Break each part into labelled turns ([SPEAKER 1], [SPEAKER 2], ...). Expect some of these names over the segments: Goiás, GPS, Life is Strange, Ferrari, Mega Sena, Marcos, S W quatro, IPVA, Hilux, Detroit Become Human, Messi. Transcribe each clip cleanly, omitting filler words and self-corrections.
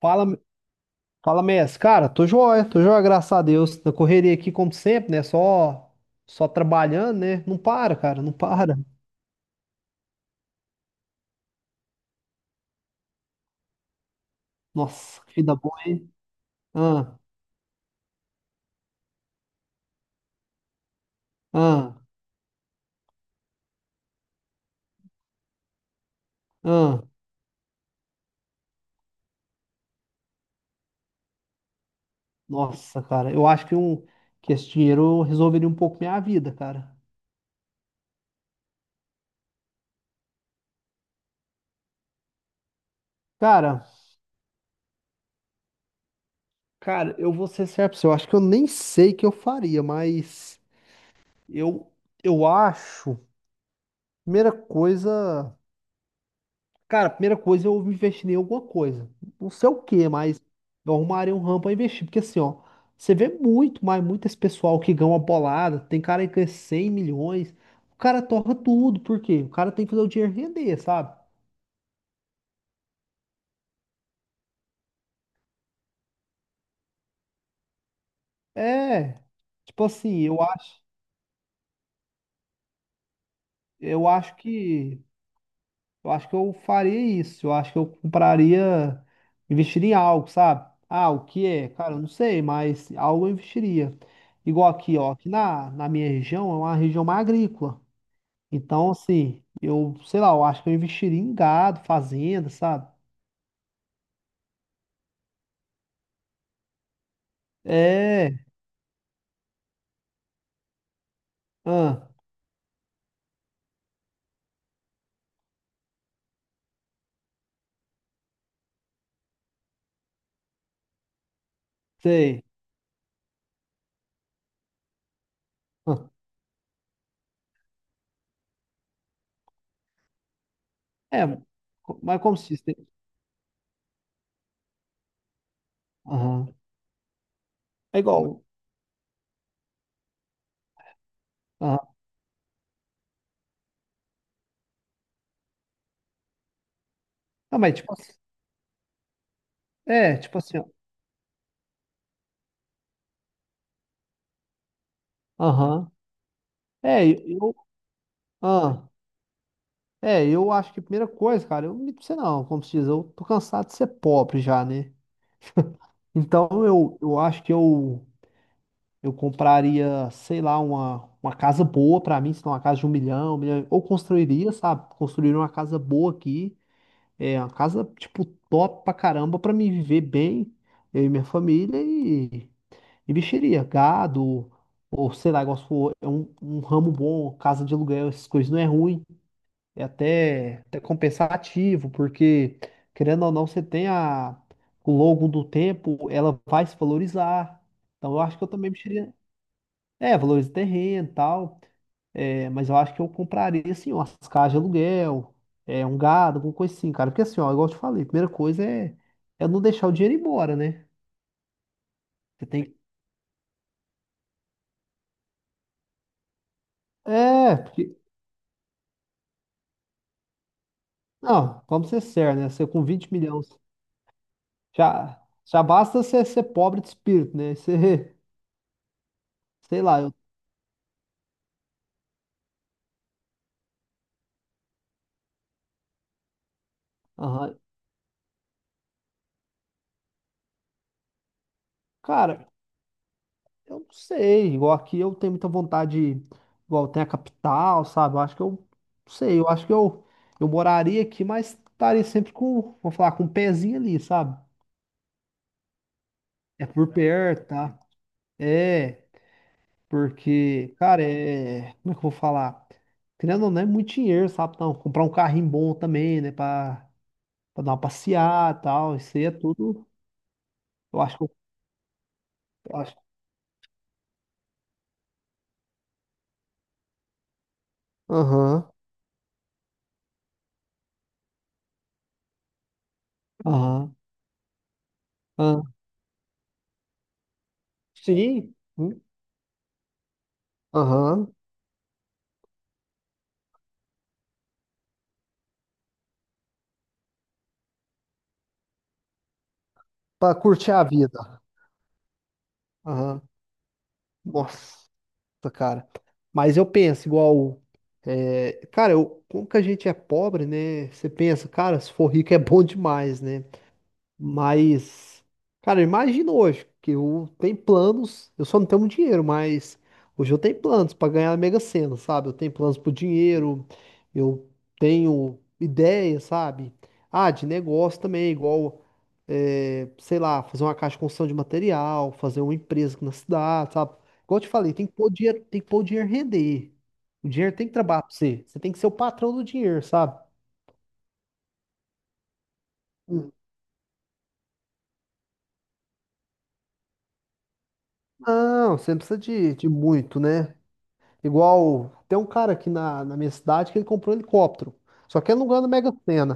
[SPEAKER 1] Fala, fala, Messi. Cara, tô joia, graças a Deus. Na correria aqui, como sempre, né? Só trabalhando, né? Não para, cara, não para. Nossa, que vida boa, hein? Ah, ah, ah. Nossa, cara, eu acho que esse dinheiro resolveria um pouco minha vida, cara. Cara, cara, eu vou ser certo pra você. Eu acho que eu nem sei o que eu faria, mas eu, eu acho. Primeira coisa. Cara, a primeira coisa é eu investir em alguma coisa. Não sei o que, mas eu arrumarei um ramo pra investir. Porque assim, ó, você vê muito, mas muito esse pessoal que ganha uma bolada. Tem cara aí que ganha 100 milhões. O cara torra tudo, por quê? O cara tem que fazer o dinheiro render, sabe? É. Tipo assim, eu acho que Eu acho que eu faria isso. Eu acho que eu compraria, investiria em algo, sabe? Ah, o que é? Cara, eu não sei, mas algo eu investiria. Igual aqui, ó, aqui na minha região é uma região mais agrícola. Então, assim, eu, sei lá, eu acho que eu investiria em gado, fazenda, sabe? É, ah, sei. Ah, é, mas como se diz, né? Aham. É igual. Aham. Não, mas tipo assim, é, tipo assim, ó. Aham. É, ah. É, eu acho que a primeira coisa, cara, eu não minto pra você não, como se diz, eu tô cansado de ser pobre já, né? Então eu acho que eu compraria, sei lá, uma casa boa pra mim, se não uma casa de 1 milhão, 1 milhão, ou construiria, sabe? Construiria uma casa boa aqui, é, uma casa, tipo, top pra caramba pra mim viver bem, eu e minha família e mexeria, gado, ou sei lá, igual se for, é um ramo bom, casa de aluguel, essas coisas não é ruim é até compensativo, porque, querendo ou não, você tem a, ao longo do tempo, ela vai se valorizar. Então, eu acho que eu também mexeria. É, valoriza o terreno e tal. É, mas eu acho que eu compraria, assim, umas casas de aluguel, é, um gado, alguma coisa assim, cara. Porque, assim, ó, igual eu te falei, a primeira coisa é não deixar o dinheiro ir embora, né? Você tem. É, porque. Não, vamos ser sérios, né? Você com 20 milhões. Já basta você ser pobre de espírito, né? Você, sei lá, eu. Aham. Cara, eu não sei, igual aqui eu tenho muita vontade, igual tem a capital, sabe? Eu acho que eu, não sei, eu acho que eu moraria aqui, mas estaria sempre com, vou falar, com um pezinho ali, sabe? É por perto, tá? É, porque, cara, é, como é que eu vou falar? Querendo ou não, é muito dinheiro, sabe? Então, comprar um carrinho bom também, né? Pra dar uma passeada e tal, isso aí é tudo, eu acho que eu acho. Aham, aham, aham. Sim, aham, pra curtir a vida. Aham. Nossa, cara. Mas eu penso igual. É, cara, eu, como que a gente é pobre, né? Você pensa, cara, se for rico é bom demais, né? Mas, cara, imagina hoje que eu tenho planos, eu só não tenho muito dinheiro, mas hoje eu tenho planos para ganhar a Mega Sena, sabe? Eu tenho planos pro dinheiro, eu tenho ideias, sabe? Ah, de negócio também, igual, sei lá, fazer uma caixa de construção de material, fazer uma empresa aqui na cidade, sabe? Igual eu te falei, tem que pôr o dinheiro, tem que pôr o dinheiro render. O dinheiro tem que trabalhar pra você. Você tem que ser o patrão do dinheiro, sabe? Hum. Não, você não precisa de muito, né? Igual, tem um cara aqui na minha cidade que ele comprou um helicóptero. Só que ele não ganha na Mega Sena.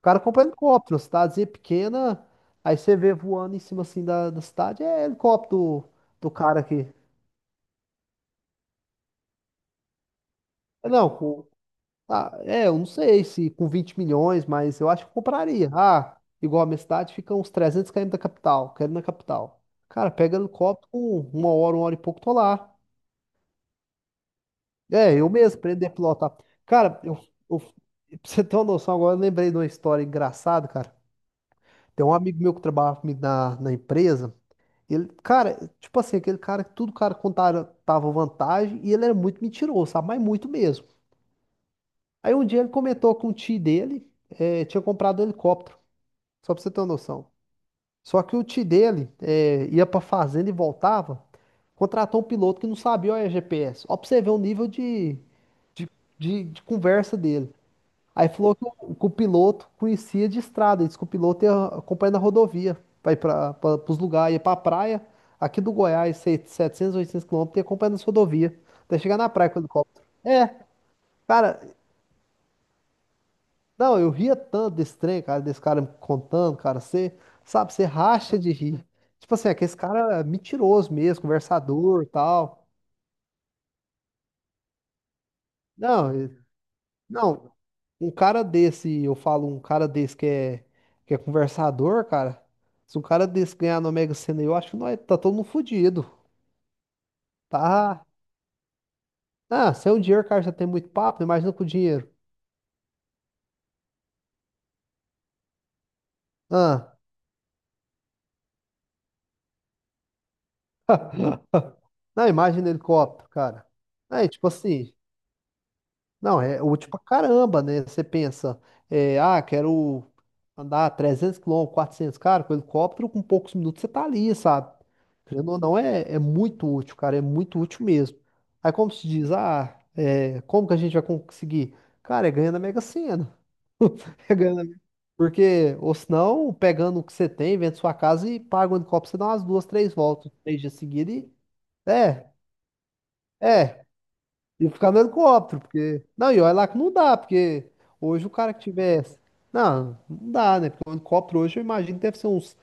[SPEAKER 1] O cara comprou um helicóptero, uma cidadezinha pequena. Aí você vê voando em cima assim da cidade, é helicóptero do cara aqui. É, não, com, ah, é, eu não sei se com 20 milhões, mas eu acho que eu compraria. Ah, igual a minha cidade fica uns 300 km da capital, quero ir na capital. Cara, pega helicóptero, com uma hora e pouco, tô lá. É, eu mesmo, pra ele deplotar. Cara, pra você ter uma noção agora, eu lembrei de uma história engraçada, cara. Tem um amigo meu que trabalhava comigo na empresa. Ele, cara, tipo assim, aquele cara que tudo cara contava tava vantagem e ele era muito mentiroso, sabe? Mas muito mesmo. Aí um dia ele comentou que um tio dele tinha comprado um helicóptero, só pra você ter uma noção. Só que o tio dele ia pra fazenda e voltava, contratou um piloto que não sabia o GPS. Ó, pra você ver o nível de, de conversa dele. Aí falou que o piloto conhecia de estrada, disse que o piloto ia acompanhando a rodovia, vai para os lugares, ia para a praia, aqui do Goiás, 700, 800 quilômetros, ia acompanhando as rodovias, até chegar na praia com o helicóptero. É, cara, não, eu ria tanto desse trem, cara, desse cara me contando, cara, você, sabe, você racha de rir. Tipo assim, é que esse cara é mentiroso mesmo, conversador e tal. Não, não, um cara desse, eu falo, um cara desse que é conversador, cara. Se um cara desse ganhar no Mega Sena, eu acho que nós tá todo mundo fudido. Tá. Ah, sem o dinheiro, cara, já tem muito papo, imagina com o dinheiro. Ah, não, imagina o helicóptero, cara. Aí, tipo assim. Não, é útil pra caramba, né? Você pensa, é, ah, quero andar 300 quilômetros, 400, cara, com helicóptero, com poucos minutos você tá ali, sabe? Querendo ou não, é muito útil, cara, é muito útil mesmo. Aí como se diz, ah, é, como que a gente vai conseguir? Cara, é ganhando a Mega Sena. É ganhando, porque, ou senão, pegando o que você tem, vende sua casa e paga o helicóptero, você dá umas duas, três voltas, três dias seguidos e... É, é. E ficar no helicóptero, porque. Não, e olha lá que não dá, porque hoje o cara que tivesse. Não, não dá, né? Porque o helicóptero hoje eu imagino que deve ser uns,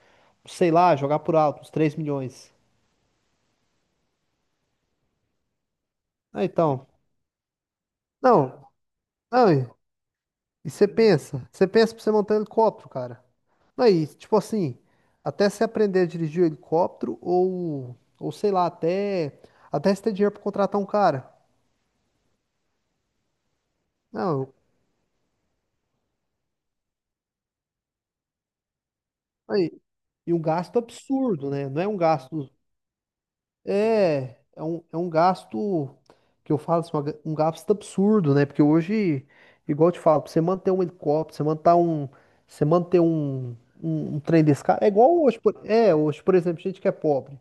[SPEAKER 1] sei lá, jogar por alto, uns 3 milhões. Ah, então. Não, não, e você pensa, pra você montar um helicóptero, cara. Não, e tipo assim, até você aprender a dirigir o helicóptero, ou sei lá, até você ter dinheiro pra contratar um cara. Não, aí. E um gasto absurdo, né? Não é um gasto. É um gasto que eu falo assim, um gasto absurdo, né? Porque hoje, igual eu te falo, pra você manter um helicóptero, você manter um trem desse carro, é igual hoje, hoje, por exemplo, gente que é pobre,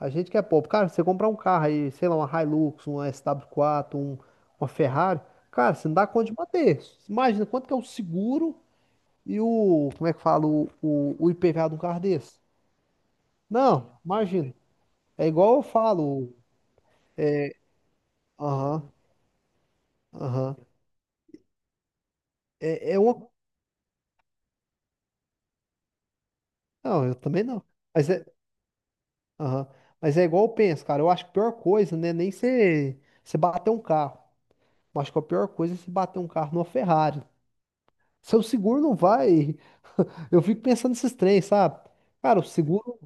[SPEAKER 1] a gente que é pobre, cara, você comprar um carro aí, sei lá, uma Hilux, uma SW4, uma Ferrari, cara, você não dá conta de manter. Imagina quanto que é o seguro e o, como é que fala, o IPVA de um carro desse? Não, imagina. É igual eu falo, aham. Aham. É uma... Não, eu também não. Mas é, aham. Mas é igual eu penso, cara. Eu acho que a pior coisa, né? Nem você bater um carro. Eu acho que a pior coisa é você bater um carro numa Ferrari. Seu seguro não vai. Eu fico pensando nesses trens, sabe? Cara, o seguro,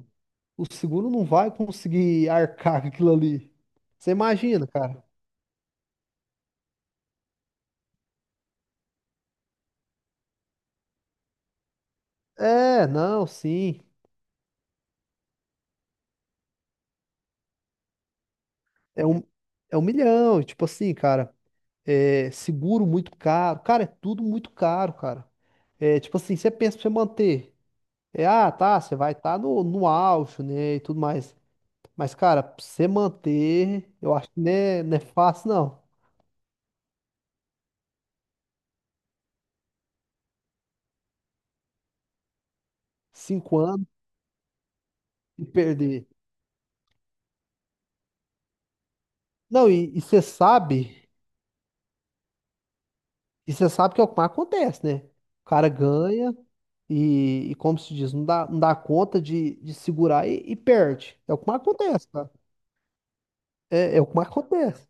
[SPEAKER 1] o seguro não vai conseguir arcar com aquilo ali. Você imagina, cara? É, não, sim. É um, é um milhão. Tipo assim, cara. É, seguro muito caro. Cara, é tudo muito caro, cara. É, tipo assim, você pensa pra você manter. É, ah, tá, você vai estar no auge, né? E tudo mais. Mas, cara, pra você manter, eu acho que não é fácil, não. 5 anos e perder. Não, e você sabe que é o que mais acontece, né? O cara ganha e como se diz, não dá conta de segurar e perde. É o que mais acontece, cara. É o que mais acontece.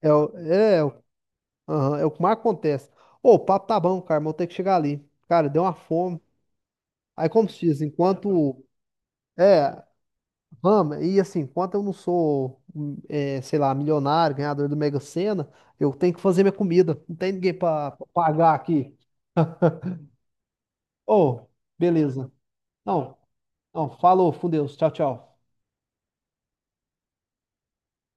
[SPEAKER 1] É, é, aham, é o que mais acontece. Ô, o papo tá bom, cara, mas eu tenho que chegar ali. Cara, deu uma fome. Aí, como se diz, enquanto. É, vamos, e assim, enquanto eu não sou, é, sei lá, milionário, ganhador do Mega Sena, eu tenho que fazer minha comida. Não tem ninguém pra pagar aqui. Ô, beleza. Não, não, falou, com Deus. Tchau, tchau.